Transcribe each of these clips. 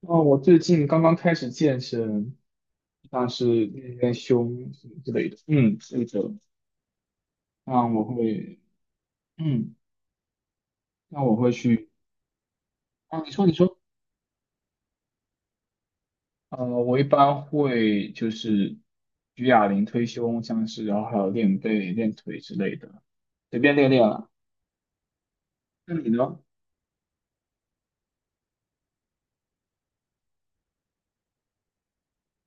哦，我最近刚刚开始健身，像是练练胸什么之类的。嗯，是的。那我会，嗯，那我会去。啊，你说，你说。我一般会就是举哑铃、推胸，像是然后还有练背、练腿之类的，随便练练了。那你呢？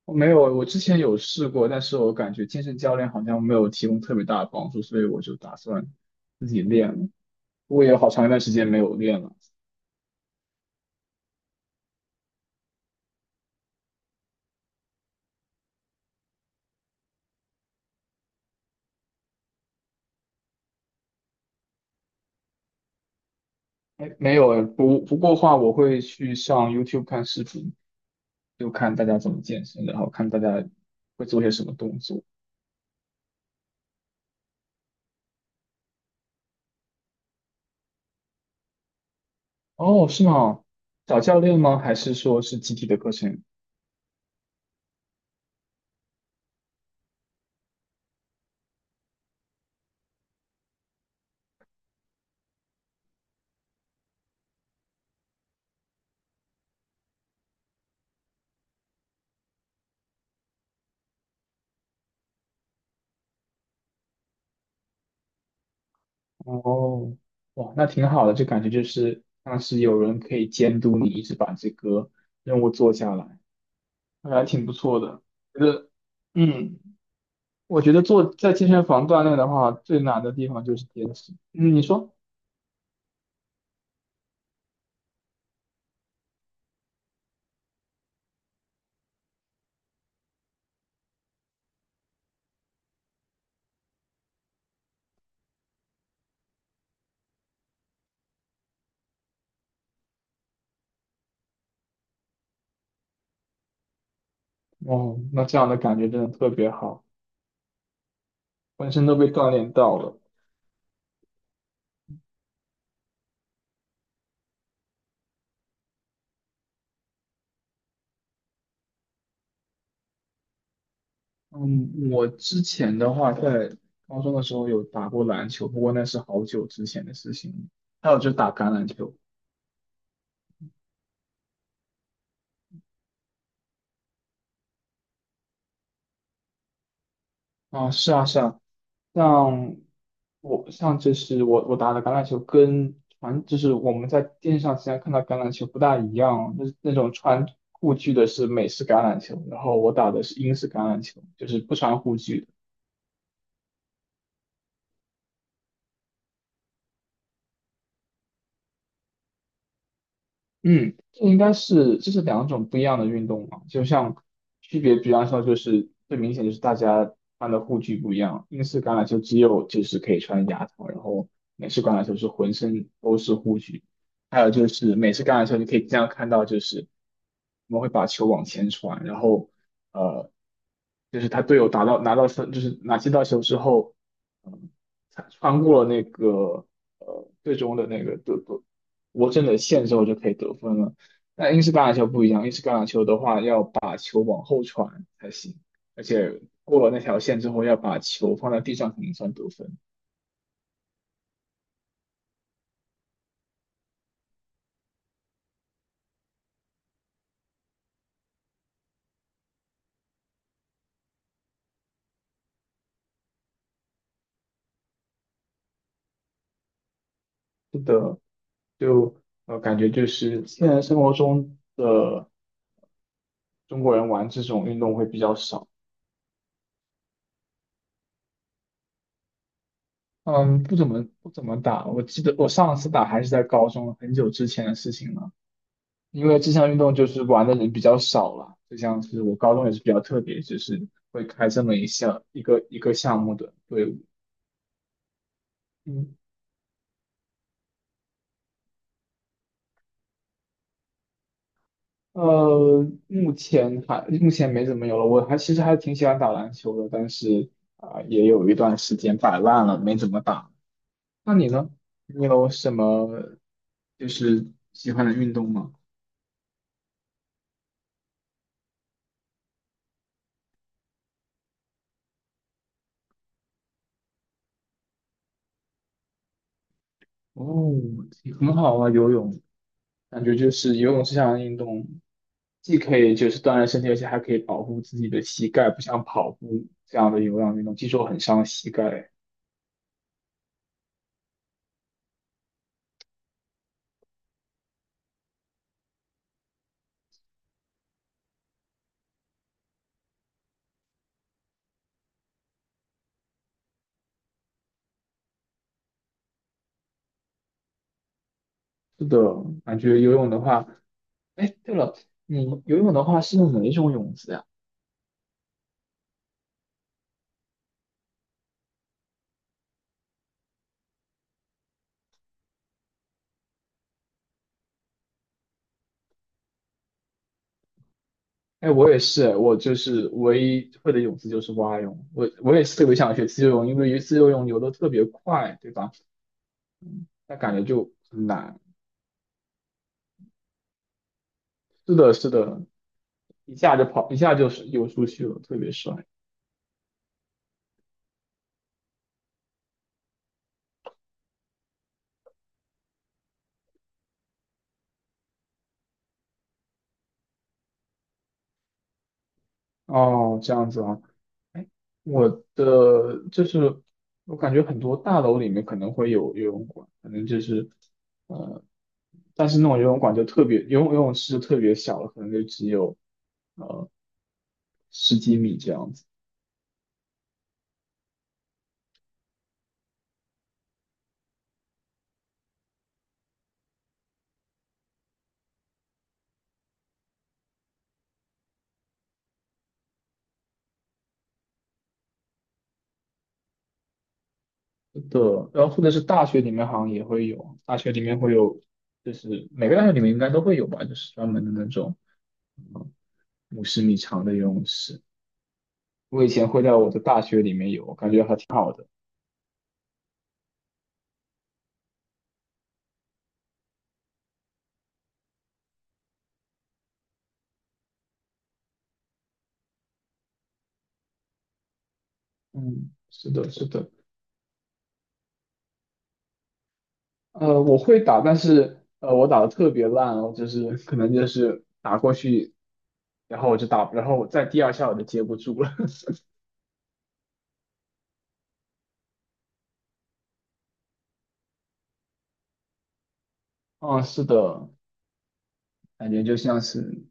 我没有，我之前有试过，但是我感觉健身教练好像没有提供特别大的帮助，所以我就打算自己练了。不过也有好长一段时间没有练了。哎，没有哎，不过话，我会去上 YouTube 看视频，就看大家怎么健身，然后看大家会做些什么动作。哦，是吗？找教练吗？还是说是集体的课程？哦，哇，那挺好的，就感觉就是像是有人可以监督你，一直把这个任务做下来，还挺不错的。觉得，嗯，我觉得做在健身房锻炼的话，最难的地方就是坚持。嗯，你说？哦，那这样的感觉真的特别好。本身都被锻炼到了。嗯，我之前的话，在高中的时候有打过篮球，不过那是好久之前的事情了。还有就是打橄榄球啊，是啊是啊，像我像就是我我打的橄榄球跟传就是我们在电视上经常看到橄榄球不大一样哦，那那种穿护具的是美式橄榄球，然后我打的是英式橄榄球，就是不穿护具的。嗯，这应该是这是两种不一样的运动嘛，就像区别，比方说就是最明显就是大家穿的护具不一样，英式橄榄球只有就是可以穿牙套，然后美式橄榄球是浑身都是护具，还有就是美式橄榄球你可以经常看到就是我们会把球往前传，然后呃就是他队友打到拿到分就是拿接到球之后，嗯，穿过了那个最终的那个队我真的线之后就可以得分了。但英式橄榄球不一样，英式橄榄球的话要把球往后传才行，而且过了那条线之后要把球放在地上才能算得分。是的，就感觉就是现实生活中的中国人玩这种运动会比较少。嗯，不怎么打。我记得我上次打还是在高中，很久之前的事情了。因为这项运动就是玩的人比较少了，就像是我高中也是比较特别，就是会开这么一个项目的队伍。嗯，目前没怎么有了，我还其实还挺喜欢打篮球的，但是啊、也有一段时间摆烂了，没怎么打。那你呢？你有什么就是喜欢的运动吗？哦，很好啊，游泳，感觉就是游泳这项运动，既可以就是锻炼身体，而且还可以保护自己的膝盖，不像跑步这样的有氧运动，据说很伤膝盖。是的，感觉游泳的话，哎，对了，你游泳的话是用哪一种泳姿呀？哎，我也是，我就是唯一会的泳姿就是蛙泳，我也是特别想学自由泳，因为自由泳游的特别快，对吧？但感觉就很难。是的，是的，一下就跑，一下就是游出去了，特别帅。哦，这样子啊。哎，我的就是我感觉很多大楼里面可能会有游泳馆，可能就是呃，但是那种游泳馆就特别，游泳池就特别小了，可能就只有呃十几米这样子。的。然后或者是大学里面好像也会有，大学里面会有，就是每个大学里面应该都会有吧，就是专门的那种50米长的游泳池。我以前会在我的大学里面有，我感觉还挺好的。嗯，是的，是的。我会打，但是我打的特别烂哦，就是可能就是打过去，然后我就打，然后我在第二下我就接不住了。嗯，是的，感觉就像是，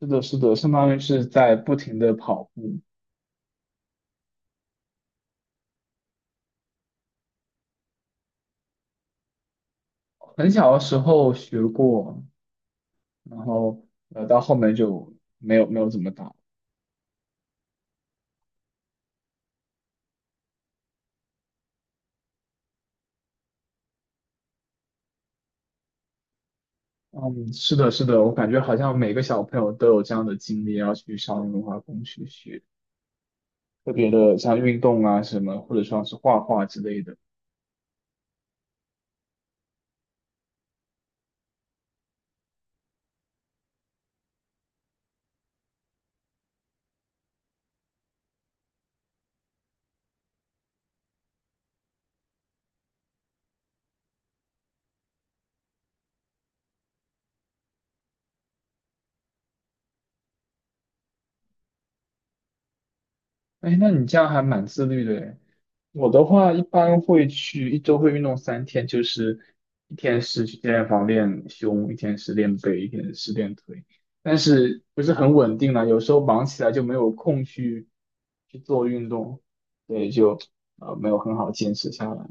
是的，是的，相当于是在不停的跑步。很小的时候学过，然后到后面就没有怎么打。嗯，是的，是的，我感觉好像每个小朋友都有这样的经历，要去上年文化宫去学特别的像运动啊什么，或者说是画画之类的。哎，那你这样还蛮自律的诶。我的话一般会去一周会运动3天，就是一天是去健身房练胸，一天是练背，一天是练腿，但是不是很稳定了，有时候忙起来就没有空去做运动，所以就没有很好坚持下来。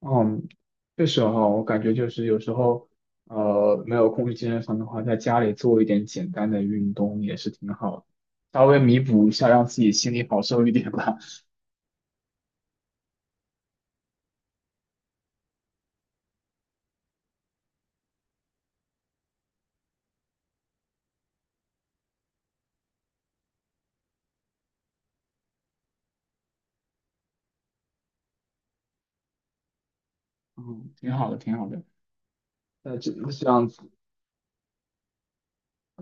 嗯，确实哈，我感觉就是有时候，没有空去健身房的话，在家里做一点简单的运动也是挺好的，稍微弥补一下，让自己心里好受一点吧。嗯，挺好的，挺好的。那这样子，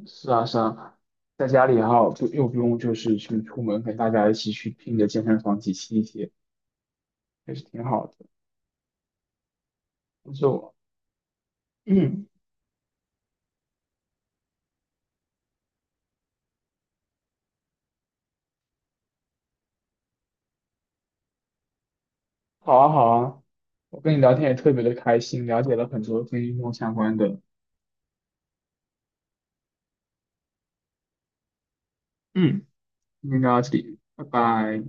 是啊，是啊，在家里哈，不又不用就是去出门跟大家一起去拼着健身房挤吸一些，也是挺好的。但是我，嗯，好啊，好啊，我跟你聊天也特别的开心，了解了很多跟运动相关的。嗯。今天就到这里，拜拜。